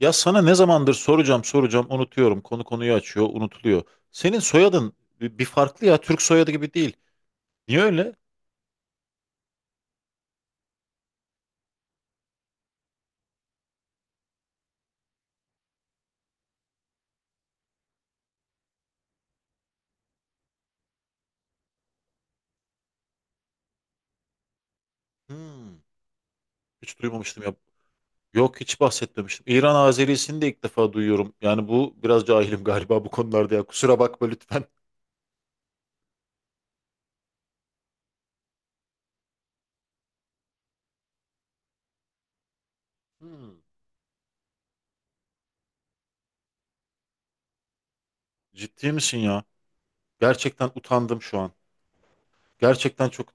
Ya sana ne zamandır soracağım soracağım unutuyorum. Konu konuyu açıyor, unutuluyor. Senin soyadın bir farklı ya. Türk soyadı gibi değil. Niye öyle? Hmm, Hiç duymamıştım ya. Yok hiç bahsetmemiştim. İran Azerisini de ilk defa duyuyorum. Yani bu biraz cahilim galiba bu konularda ya. Kusura bakma lütfen. Hmm, Ciddi misin ya? Gerçekten utandım şu an. Gerçekten çok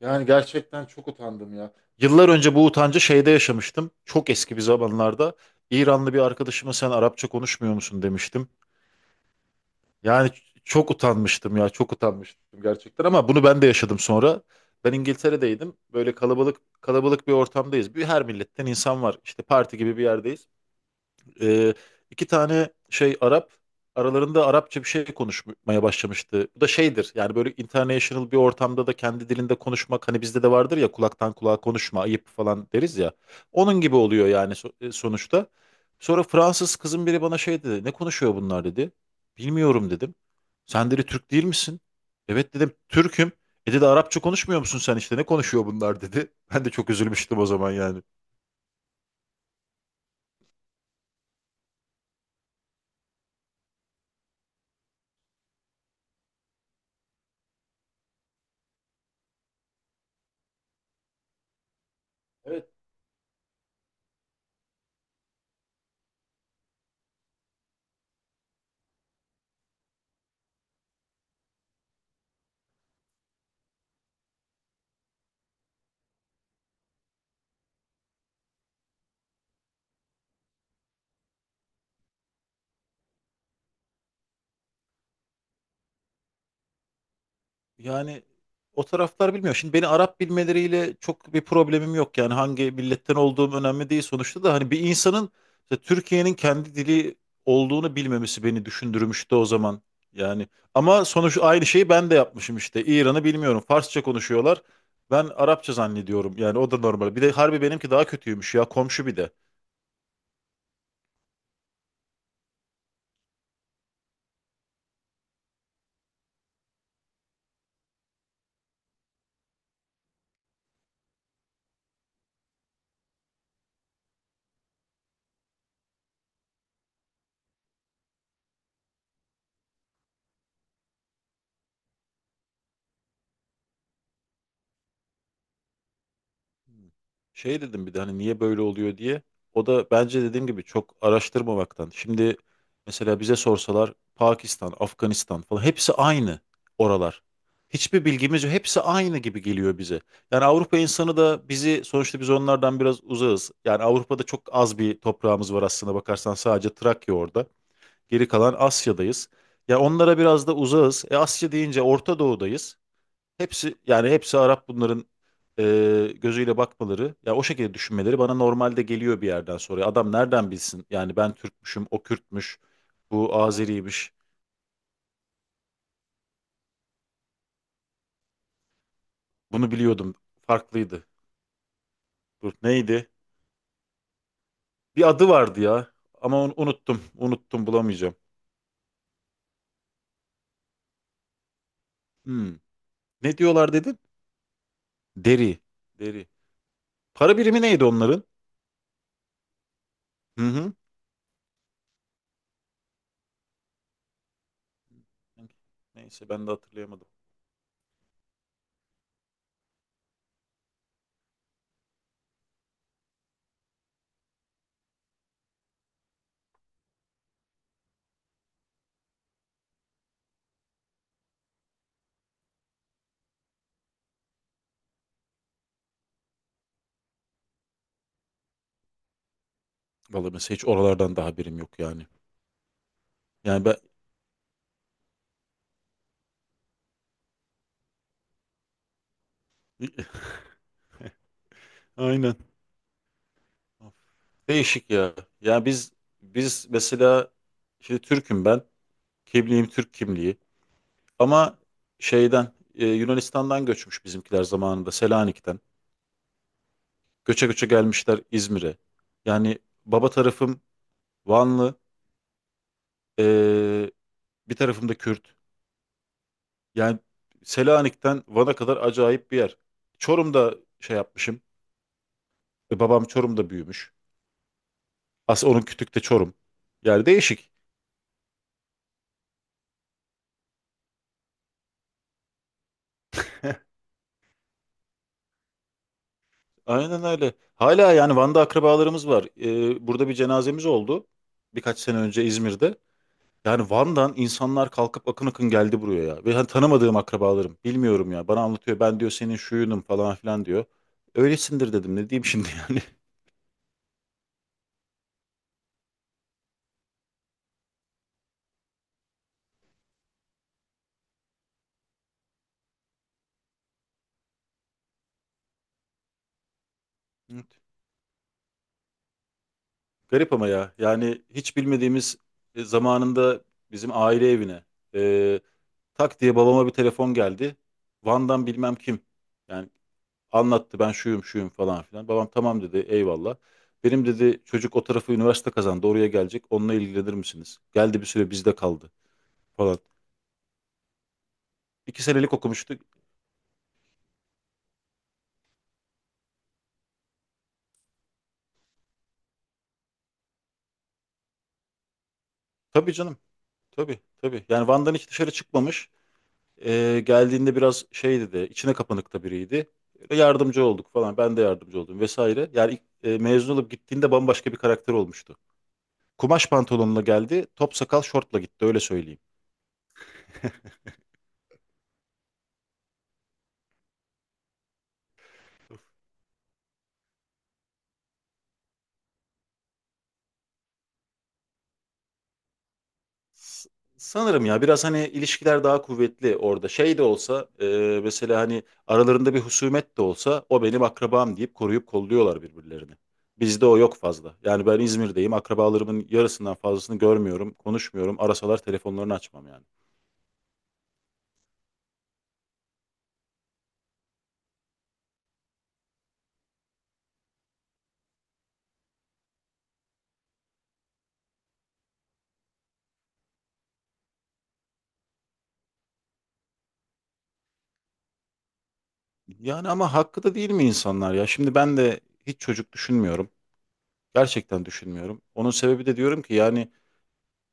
yani gerçekten çok utandım ya. Yıllar önce bu utancı şeyde yaşamıştım. Çok eski bir zamanlarda. İranlı bir arkadaşıma sen Arapça konuşmuyor musun demiştim. Yani çok utanmıştım ya çok utanmıştım gerçekten, ama bunu ben de yaşadım sonra. Ben İngiltere'deydim. Böyle kalabalık kalabalık bir ortamdayız. Bir, her milletten insan var. İşte parti gibi bir yerdeyiz. Ee, iki tane şey Arap aralarında Arapça bir şey konuşmaya başlamıştı. Bu da şeydir yani, böyle international bir ortamda da kendi dilinde konuşmak, hani bizde de vardır ya, kulaktan kulağa konuşma ayıp falan deriz ya. Onun gibi oluyor yani sonuçta. Sonra Fransız kızın biri bana şey dedi, ne konuşuyor bunlar dedi. Bilmiyorum dedim. Sen dedi, Türk değil misin? Evet dedim, Türk'üm. E dedi, Arapça konuşmuyor musun sen, işte ne konuşuyor bunlar dedi. Ben de çok üzülmüştüm o zaman yani. Yani o taraflar bilmiyor. Şimdi beni Arap bilmeleriyle çok bir problemim yok. Yani hangi milletten olduğum önemli değil sonuçta da, hani bir insanın işte Türkiye'nin kendi dili olduğunu bilmemesi beni düşündürmüştü o zaman. Yani ama sonuç aynı şeyi ben de yapmışım işte. İran'ı bilmiyorum. Farsça konuşuyorlar. Ben Arapça zannediyorum. Yani o da normal. Bir de harbi benimki daha kötüymüş ya, komşu bir de. Şey dedim bir de, hani niye böyle oluyor diye. O da bence dediğim gibi çok araştırmamaktan. Şimdi mesela bize sorsalar Pakistan, Afganistan falan, hepsi aynı oralar. Hiçbir bilgimiz yok. Hepsi aynı gibi geliyor bize. Yani Avrupa insanı da bizi, sonuçta biz onlardan biraz uzağız. Yani Avrupa'da çok az bir toprağımız var aslında, bakarsan sadece Trakya orada. Geri kalan Asya'dayız. Ya onlara biraz da uzağız. E Asya deyince Orta Doğu'dayız. Hepsi yani hepsi Arap bunların gözüyle bakmaları, ya o şekilde düşünmeleri bana normalde geliyor bir yerden sonra. Adam nereden bilsin? Yani ben Türkmüşüm, o Kürtmüş, bu Azeriymiş. Bunu biliyordum. Farklıydı. Dur neydi? Bir adı vardı ya, ama onu unuttum. Unuttum, bulamayacağım. Hmm. Ne diyorlar dedin? Deri. Deri. Para birimi neydi onların? Hı hı. Neyse, ben de hatırlayamadım. Vallahi mesela hiç oralardan daha birim yok yani. Yani ben aynen. Değişik ya. Yani biz mesela, şimdi Türk'üm ben. Kimliğim Türk kimliği. Ama şeyden Yunanistan'dan göçmüş bizimkiler zamanında, Selanik'ten. Göçe göçe gelmişler İzmir'e. Yani baba tarafım Vanlı, e, bir tarafım da Kürt. Yani Selanik'ten Van'a kadar acayip bir yer. Çorum'da şey yapmışım. Babam Çorum'da büyümüş. Aslında onun kütük de Çorum. Yani değişik. Aynen öyle. Hala yani Van'da akrabalarımız var. Burada bir cenazemiz oldu. Birkaç sene önce İzmir'de. Yani Van'dan insanlar kalkıp akın akın geldi buraya ya. Ve hani tanımadığım akrabalarım. Bilmiyorum ya. Bana anlatıyor. Ben diyor senin şuyunum falan filan diyor. Öylesindir dedim. Ne diyeyim şimdi yani. Evet. Garip ama ya. Yani hiç bilmediğimiz, zamanında bizim aile evine, e, tak diye babama bir telefon geldi. Van'dan bilmem kim. Yani anlattı, ben şuyum şuyum falan filan. Babam tamam dedi, eyvallah. Benim dedi çocuk o tarafı üniversite kazandı, oraya gelecek. Onunla ilgilenir misiniz? Geldi, bir süre bizde kaldı falan. İki senelik okumuştu. Tabii canım, tabii tabii. Yani Van'dan hiç dışarı çıkmamış. Geldiğinde biraz şey dedi, içine kapanıkta biriydi. Yardımcı olduk falan, ben de yardımcı oldum vesaire. Yani ilk, mezun olup gittiğinde bambaşka bir karakter olmuştu. Kumaş pantolonla geldi, top sakal şortla gitti, öyle söyleyeyim. S- Sanırım ya, biraz hani ilişkiler daha kuvvetli orada. Şey de olsa, mesela hani aralarında bir husumet de olsa o benim akrabam deyip koruyup kolluyorlar birbirlerini. Bizde o yok fazla. Yani ben İzmir'deyim. Akrabalarımın yarısından fazlasını görmüyorum, konuşmuyorum. Arasalar telefonlarını açmam yani. Yani ama hakkı da değil mi insanlar ya? Şimdi ben de hiç çocuk düşünmüyorum. Gerçekten düşünmüyorum. Onun sebebi de diyorum ki yani,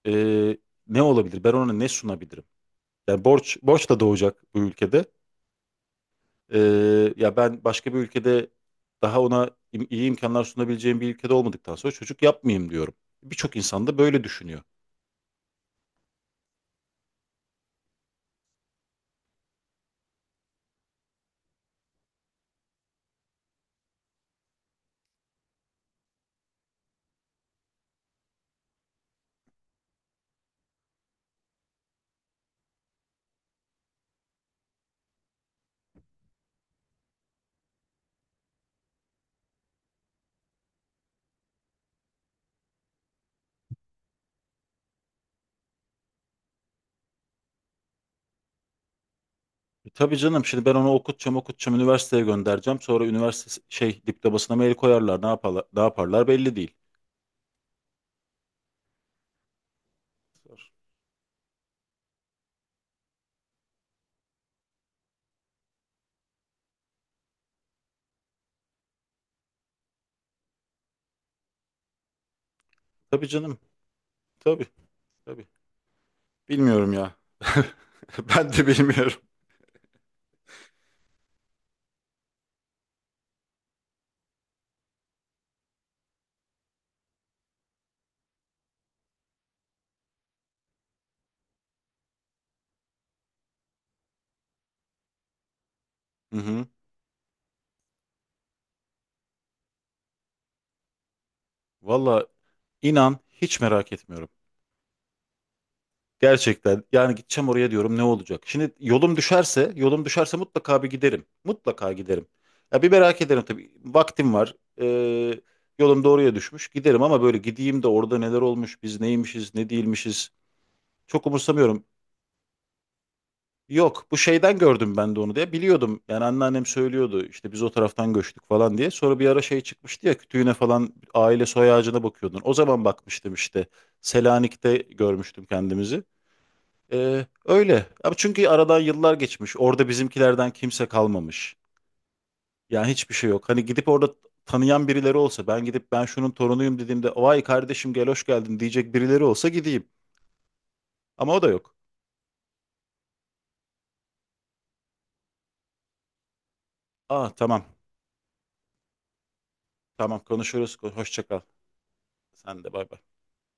e, ne olabilir? Ben ona ne sunabilirim? Yani borç borç da doğacak bu ülkede. Ya ben başka bir ülkede, daha ona iyi imkanlar sunabileceğim bir ülkede olmadıktan sonra çocuk yapmayayım diyorum. Birçok insan da böyle düşünüyor. E tabii canım, şimdi ben onu okutacağım okutacağım, üniversiteye göndereceğim. Sonra üniversite şey diplomasına mail koyarlar, ne yaparlar, ne yaparlar belli değil. Tabii canım, tabii tabii. Bilmiyorum ya. Ben de bilmiyorum. Hı hı. Valla inan hiç merak etmiyorum. Gerçekten yani, gideceğim oraya diyorum, ne olacak? Şimdi yolum düşerse, yolum düşerse mutlaka bir giderim. Mutlaka giderim. Ya bir merak ederim tabii. Vaktim var. Ee, Yolum doğruya düşmüş. Giderim, ama böyle gideyim de orada neler olmuş, biz neymişiz, ne değilmişiz. Çok umursamıyorum. Yok, bu şeyden gördüm ben de onu diye. Biliyordum. Yani anneannem söylüyordu işte, biz o taraftan göçtük falan diye. Sonra bir ara şey çıkmıştı ya, kütüğüne falan, aile soy ağacına bakıyordun. O zaman bakmıştım işte. Selanik'te görmüştüm kendimizi. Öyle. Abi çünkü aradan yıllar geçmiş. Orada bizimkilerden kimse kalmamış. Yani hiçbir şey yok. Hani gidip orada tanıyan birileri olsa, ben gidip ben şunun torunuyum dediğimde vay kardeşim gel hoş geldin diyecek birileri olsa gideyim. Ama o da yok. Aa, tamam. Tamam, konuşuruz. Hoşça kal. Sen de bay bay.